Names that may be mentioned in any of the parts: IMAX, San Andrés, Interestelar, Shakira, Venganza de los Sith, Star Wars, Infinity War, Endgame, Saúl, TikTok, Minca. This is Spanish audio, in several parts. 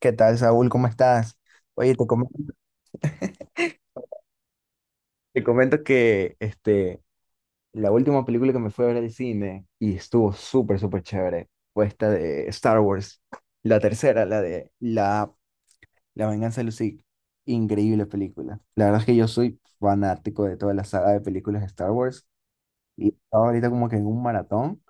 ¿Qué tal, Saúl? ¿Cómo estás? Oye, te comento, que la última película que me fue a ver al cine y estuvo súper, súper chévere fue esta de Star Wars, la tercera, la Venganza de los Sith. Increíble película. La verdad es que yo soy fanático de toda la saga de películas de Star Wars y estaba ahorita como que en un maratón.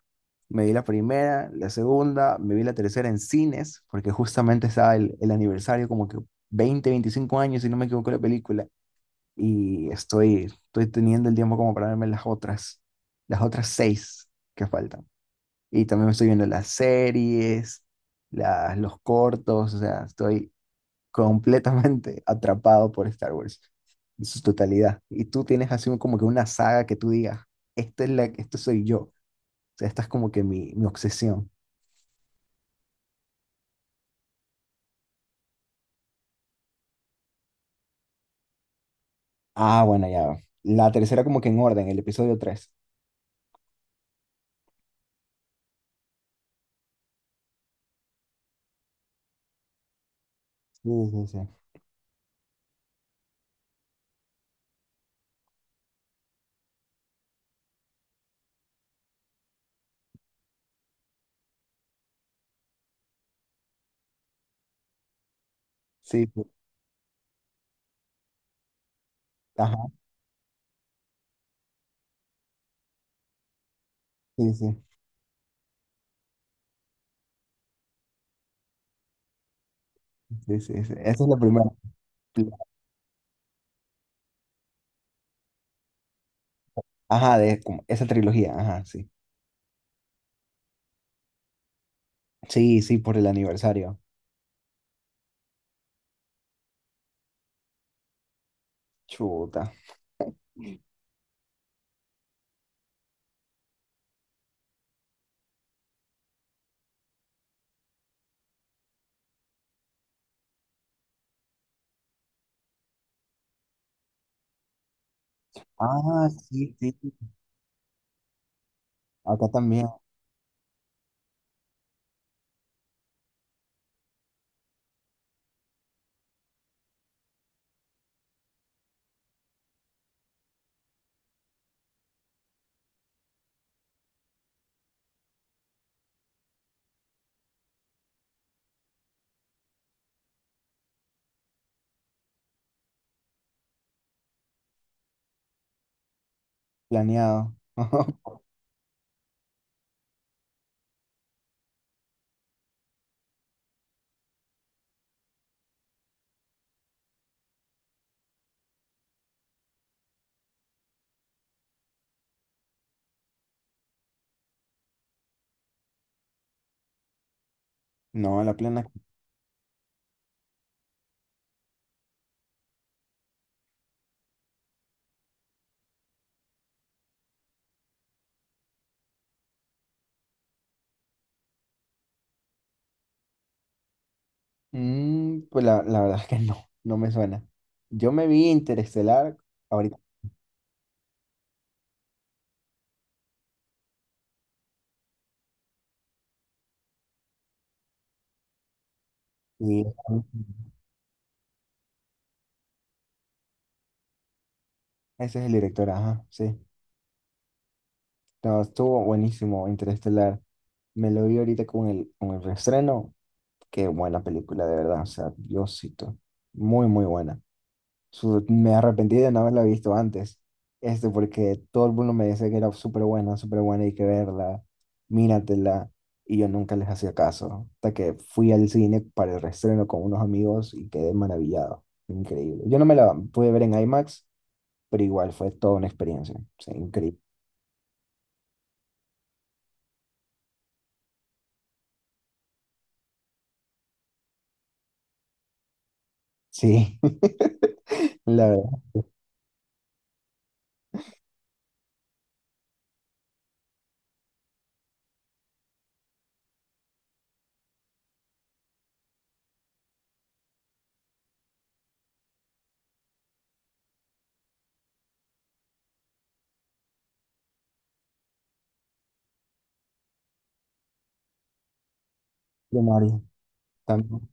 Me vi la primera, la segunda, me vi la tercera en cines porque justamente estaba el aniversario, como que 20, 25 años, si no me equivoco, la película. Y estoy teniendo el tiempo como para verme las otras 6 que faltan. Y también me estoy viendo las series, los cortos, o sea, estoy completamente atrapado por Star Wars en su totalidad. ¿Y tú tienes así un- como que una saga que tú digas, esta es esto soy yo? O sea, esta es como que mi obsesión. Ah, bueno, ya. La tercera como que en orden, el episodio tres. Sí, sí, sí. Sí, sí. Ajá, sí, sí. Sí, sí, sí. Esa es la primera. Ajá, de como esa trilogía, ajá, sí. Sí, sí, por el aniversario. Chuta. Ah, sí, sí, sí. Acá también, planeado. No, la plena. Mm, pues la verdad es que no, no me suena. Yo me vi Interestelar ahorita. Y ese es el director, ajá, sí. No, estuvo buenísimo Interestelar. Me lo vi ahorita con con el reestreno. Qué buena película, de verdad. O sea, Diosito. Muy, muy buena. Su- me arrepentí de no haberla visto antes, porque todo el mundo me decía que era súper buena, hay que verla, míratela, y yo nunca les hacía caso, hasta que fui al cine para el reestreno con unos amigos y quedé maravillado, increíble. Yo no me la pude ver en IMAX, pero igual fue toda una experiencia, sí, increíble. Sí, la verdad, de Mario, también.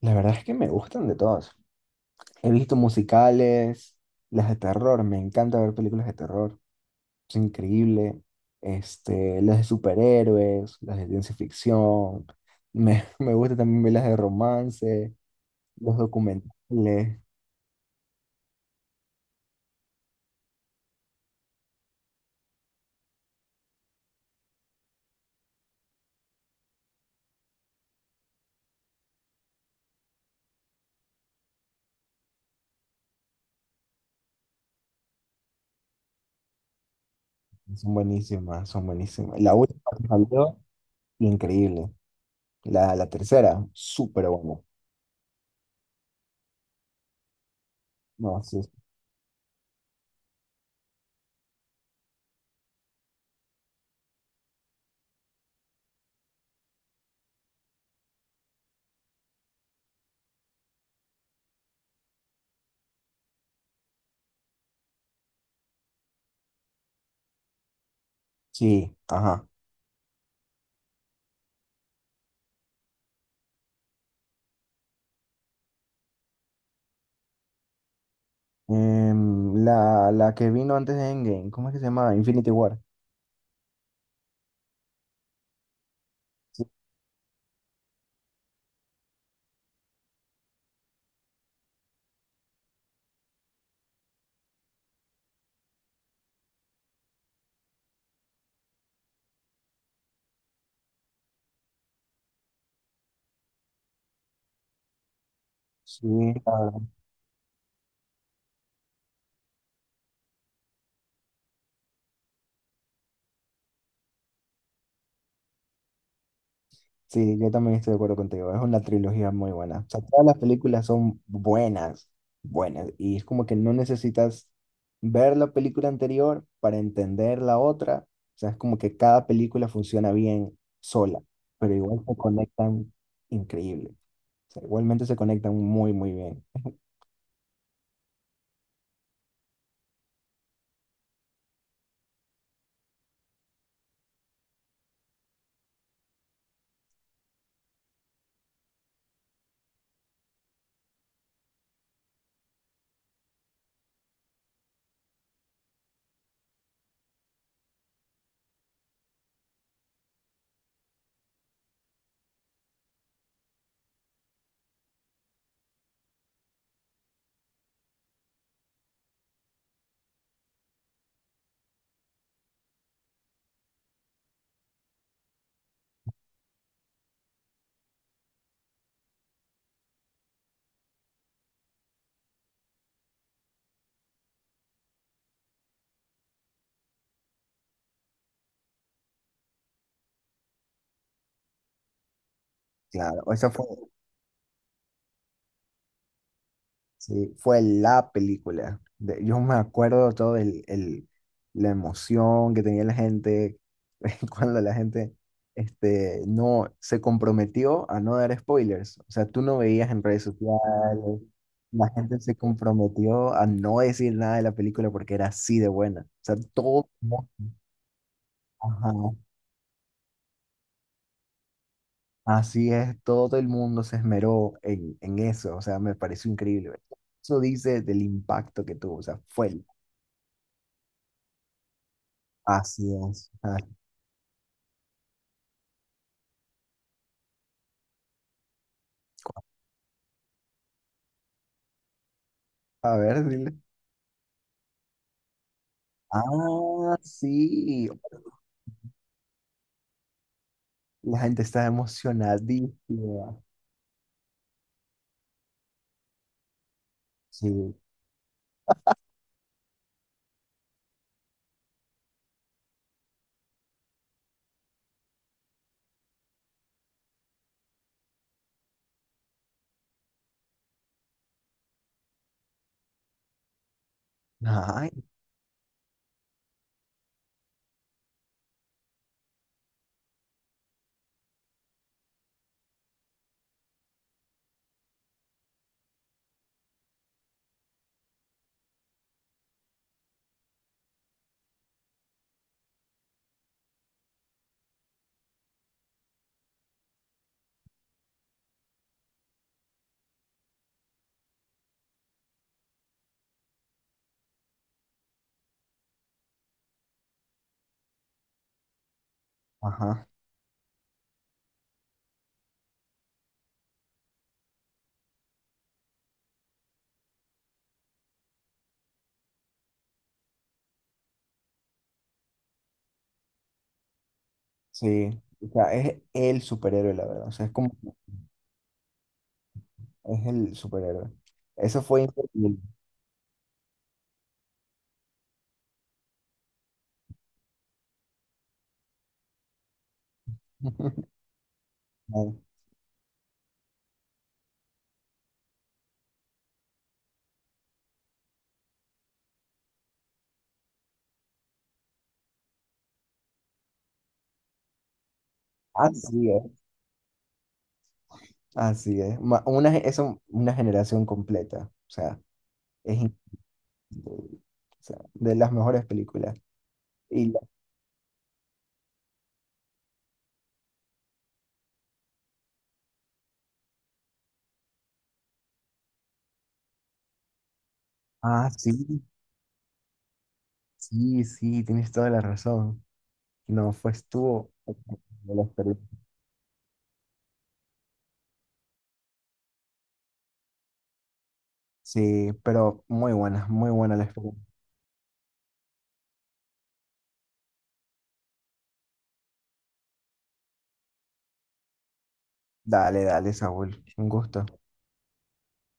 La verdad es que me gustan de todas. He visto musicales, las de terror, me encanta ver películas de terror. Es increíble. Las de superhéroes, las de ciencia ficción. Me, me gusta también ver las de romance, los documentales. Son buenísimas, son buenísimas. La última que salió, increíble. La tercera, súper buena. No, sí, sí, ajá. La que vino antes de Endgame, ¿cómo es que se llama? Infinity War. Sí, sí, yo también estoy de acuerdo contigo. Es una trilogía muy buena. O sea, todas las películas son buenas, buenas. Y es como que no necesitas ver la película anterior para entender la otra. O sea, es como que cada película funciona bien sola, pero igual se conectan increíble. O sea, igualmente se conectan muy, muy bien. Claro, esa fue. Sí, fue la película. De- yo me acuerdo todo la emoción que tenía la gente cuando la gente no se comprometió a no dar spoilers. O sea, tú no veías en redes sociales, la gente se comprometió a no decir nada de la película porque era así de buena. O sea, todo, ajá, así es, todo el mundo se esmeró en eso. O sea, me pareció increíble. Eso dice del impacto que tuvo. O sea, fue. Así es. Ah, a ver, dile. Ah, sí. La gente está emocionadísima. Sí. Ay, ajá. Sí. O sea, es el superhéroe, la verdad. O sea, es como, es el superhéroe. Eso fue increíble. No, así es, así es. Ma- una, ge- eso, una generación completa. O sea, es increíble. O sea, de las mejores películas. Y la- ah, sí, sí, sí, tienes toda la razón. No, fue, estuvo la experiencia. Sí, pero muy buena la experiencia. Dale, dale, Saúl. Un gusto.